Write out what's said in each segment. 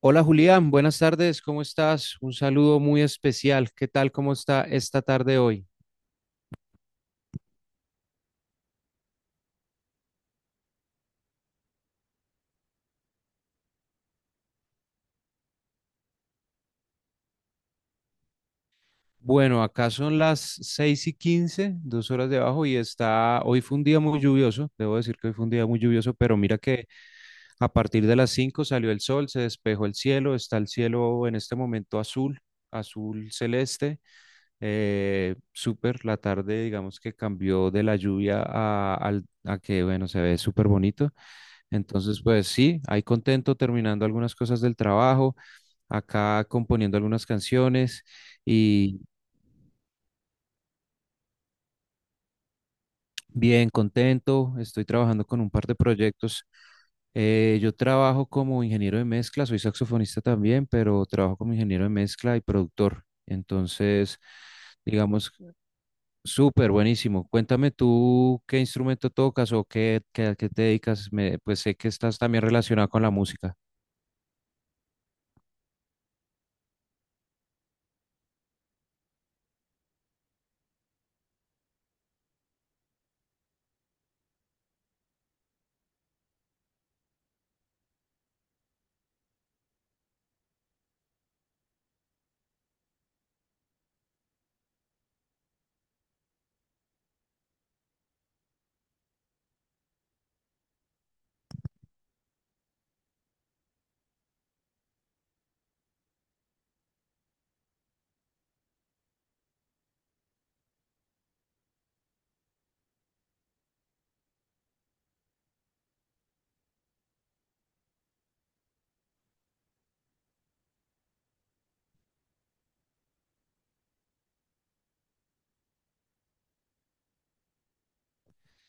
Hola Julián, buenas tardes, ¿cómo estás? Un saludo muy especial. ¿Qué tal? ¿Cómo está esta tarde hoy? Bueno, acá son las 6:15, 2 horas de abajo, y está, hoy fue un día muy lluvioso, debo decir que hoy fue un día muy lluvioso, pero mira que a partir de las 5 salió el sol, se despejó el cielo, está el cielo en este momento azul, azul celeste, súper, la tarde digamos que cambió de la lluvia a que, bueno, se ve súper bonito. Entonces, pues sí, ahí contento terminando algunas cosas del trabajo, acá componiendo algunas canciones y bien contento. Estoy trabajando con un par de proyectos. Yo trabajo como ingeniero de mezcla, soy saxofonista también, pero trabajo como ingeniero de mezcla y productor. Entonces, digamos, súper buenísimo. Cuéntame tú qué instrumento tocas o a qué te dedicas. Pues sé que estás también relacionado con la música.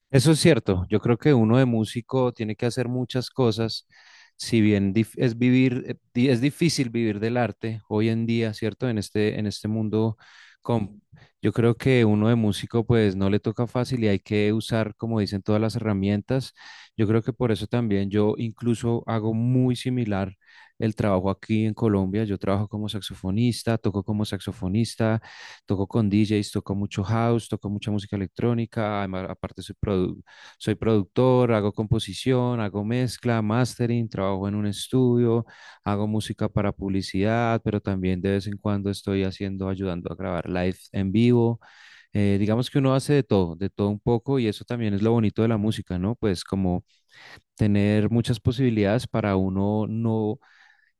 Eso es cierto. Yo creo que uno de músico tiene que hacer muchas cosas. Si bien es difícil vivir del arte hoy en día, ¿cierto? En este mundo, con, yo creo que uno de músico pues no le toca fácil y hay que usar, como dicen, todas las herramientas. Yo creo que por eso también yo incluso hago muy similar el trabajo aquí en Colombia. Yo trabajo como saxofonista, toco como saxofonista, toco con DJs, toco mucho house, toco mucha música electrónica. Además, aparte, soy productor, hago composición, hago mezcla, mastering, trabajo en un estudio, hago música para publicidad, pero también de vez en cuando estoy haciendo, ayudando a grabar live en vivo. Digamos que uno hace de todo un poco, y eso también es lo bonito de la música, ¿no? Pues como tener muchas posibilidades para uno no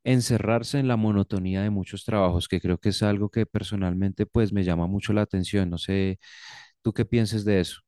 encerrarse en la monotonía de muchos trabajos, que creo que es algo que personalmente pues me llama mucho la atención. No sé, ¿tú qué piensas de eso?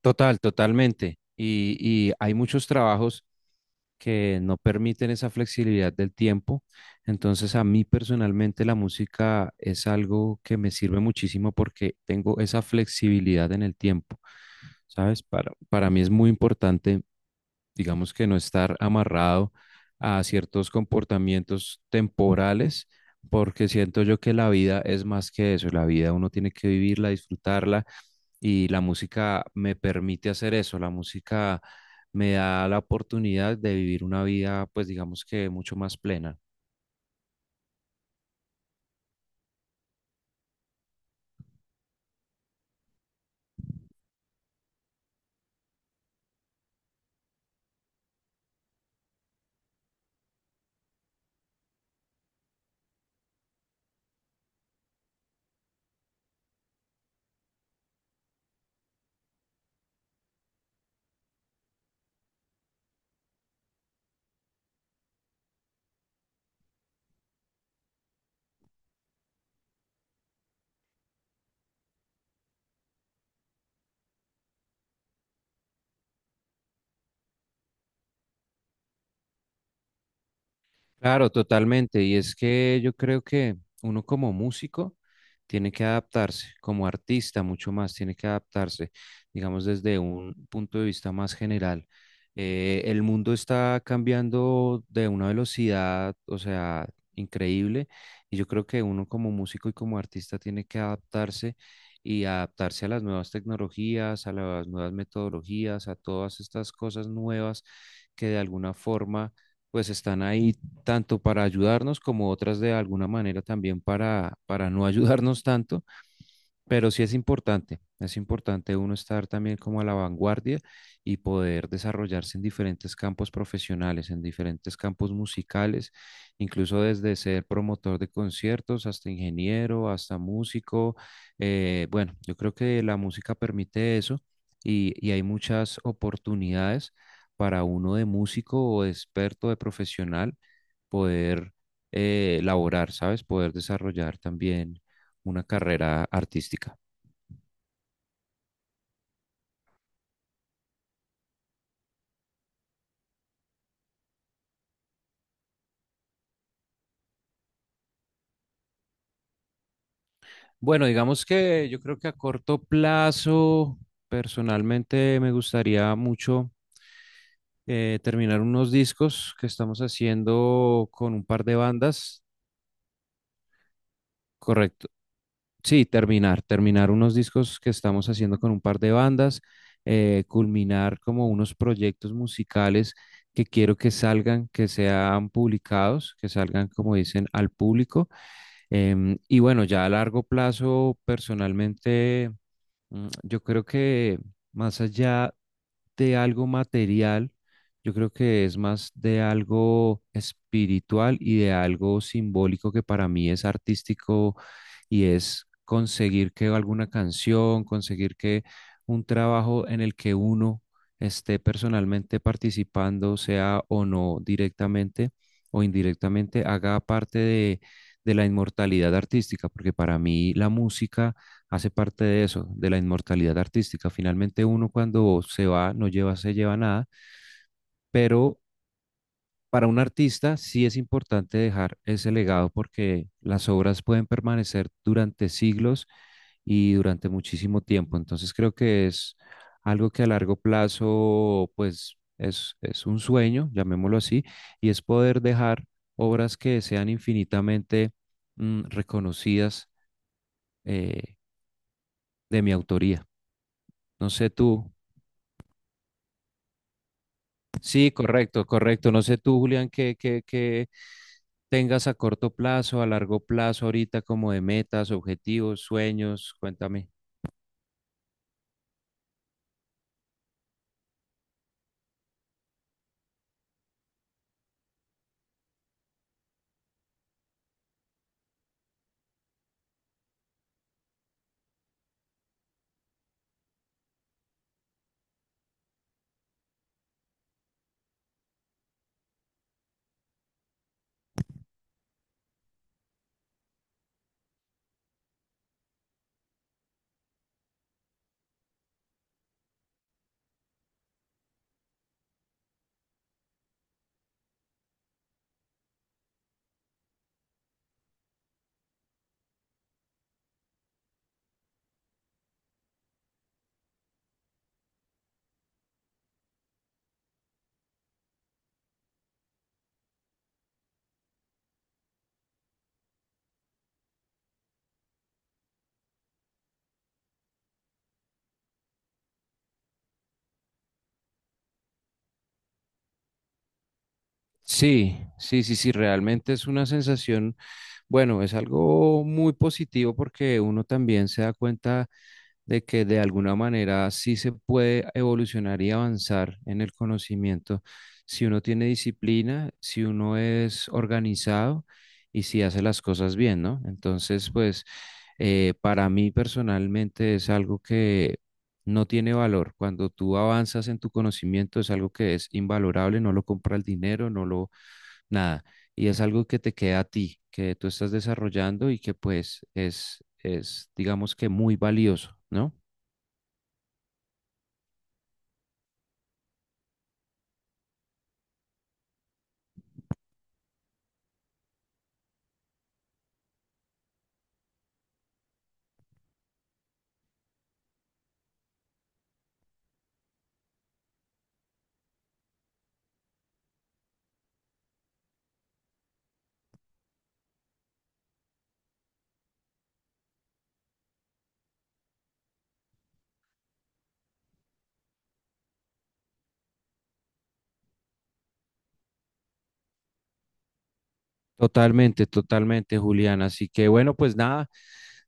Total, totalmente. Y hay muchos trabajos que no permiten esa flexibilidad del tiempo. Entonces, a mí personalmente la música es algo que me sirve muchísimo porque tengo esa flexibilidad en el tiempo, ¿sabes? Para mí es muy importante digamos que no estar amarrado a ciertos comportamientos temporales, porque siento yo que la vida es más que eso, la vida uno tiene que vivirla, disfrutarla y la música me permite hacer eso, la música me da la oportunidad de vivir una vida, pues digamos que mucho más plena. Claro, totalmente. Y es que yo creo que uno como músico tiene que adaptarse, como artista mucho más, tiene que adaptarse, digamos, desde un punto de vista más general. El mundo está cambiando de una velocidad, o sea, increíble. Y yo creo que uno como músico y como artista tiene que adaptarse y adaptarse a las nuevas tecnologías, a las nuevas metodologías, a todas estas cosas nuevas que de alguna forma pues están ahí tanto para ayudarnos como otras de alguna manera también para no ayudarnos tanto, pero sí es importante uno estar también como a la vanguardia y poder desarrollarse en diferentes campos profesionales, en diferentes campos musicales, incluso desde ser promotor de conciertos hasta ingeniero, hasta músico. Bueno, yo creo que la música permite eso y hay muchas oportunidades para uno de músico o de experto, de profesional, poder laborar, ¿sabes? Poder desarrollar también una carrera artística. Bueno, digamos que yo creo que a corto plazo, personalmente me gustaría mucho terminar unos discos que estamos haciendo con un par de bandas, correcto. Sí, terminar unos discos que estamos haciendo con un par de bandas, culminar como unos proyectos musicales que quiero que salgan, que sean publicados, que salgan, como dicen, al público. Y bueno, ya a largo plazo, personalmente, yo creo que más allá de algo material, yo creo que es más de algo espiritual y de algo simbólico que para mí es artístico y es conseguir que alguna canción, conseguir que un trabajo en el que uno esté personalmente participando, sea o no directamente o indirectamente, haga parte de la inmortalidad artística, porque para mí la música hace parte de eso, de la inmortalidad artística. Finalmente uno cuando se va no lleva, se lleva nada, pero para un artista sí es importante dejar ese legado porque las obras pueden permanecer durante siglos y durante muchísimo tiempo. Entonces creo que es algo que a largo plazo, pues es un sueño, llamémoslo así, y es poder dejar obras que sean infinitamente reconocidas eh, de mi autoría. No sé tú. Sí, correcto, correcto. No sé tú, Julián, qué tengas a corto plazo, a largo plazo, ahorita como de metas, objetivos, sueños, cuéntame. Sí, sí, sí, sí, realmente es una sensación, bueno, es algo muy positivo porque uno también se da cuenta de que de alguna manera sí se puede evolucionar y avanzar en el conocimiento si uno tiene disciplina, si uno es organizado y si hace las cosas bien, ¿no? Entonces, pues para mí personalmente es algo que no tiene valor. Cuando tú avanzas en tu conocimiento es algo que es invalorable, no lo compra el dinero, no lo nada. Y es algo que te queda a ti, que tú estás desarrollando y que pues es digamos que muy valioso, ¿no? Totalmente, totalmente, Julián. Así que bueno, pues nada,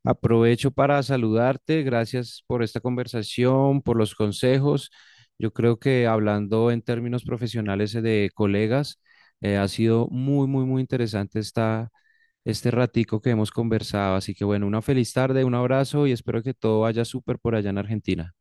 aprovecho para saludarte. Gracias por esta conversación, por los consejos. Yo creo que hablando en términos profesionales de colegas, ha sido muy, muy, muy interesante este ratico que hemos conversado. Así que bueno, una feliz tarde, un abrazo y espero que todo vaya súper por allá en Argentina.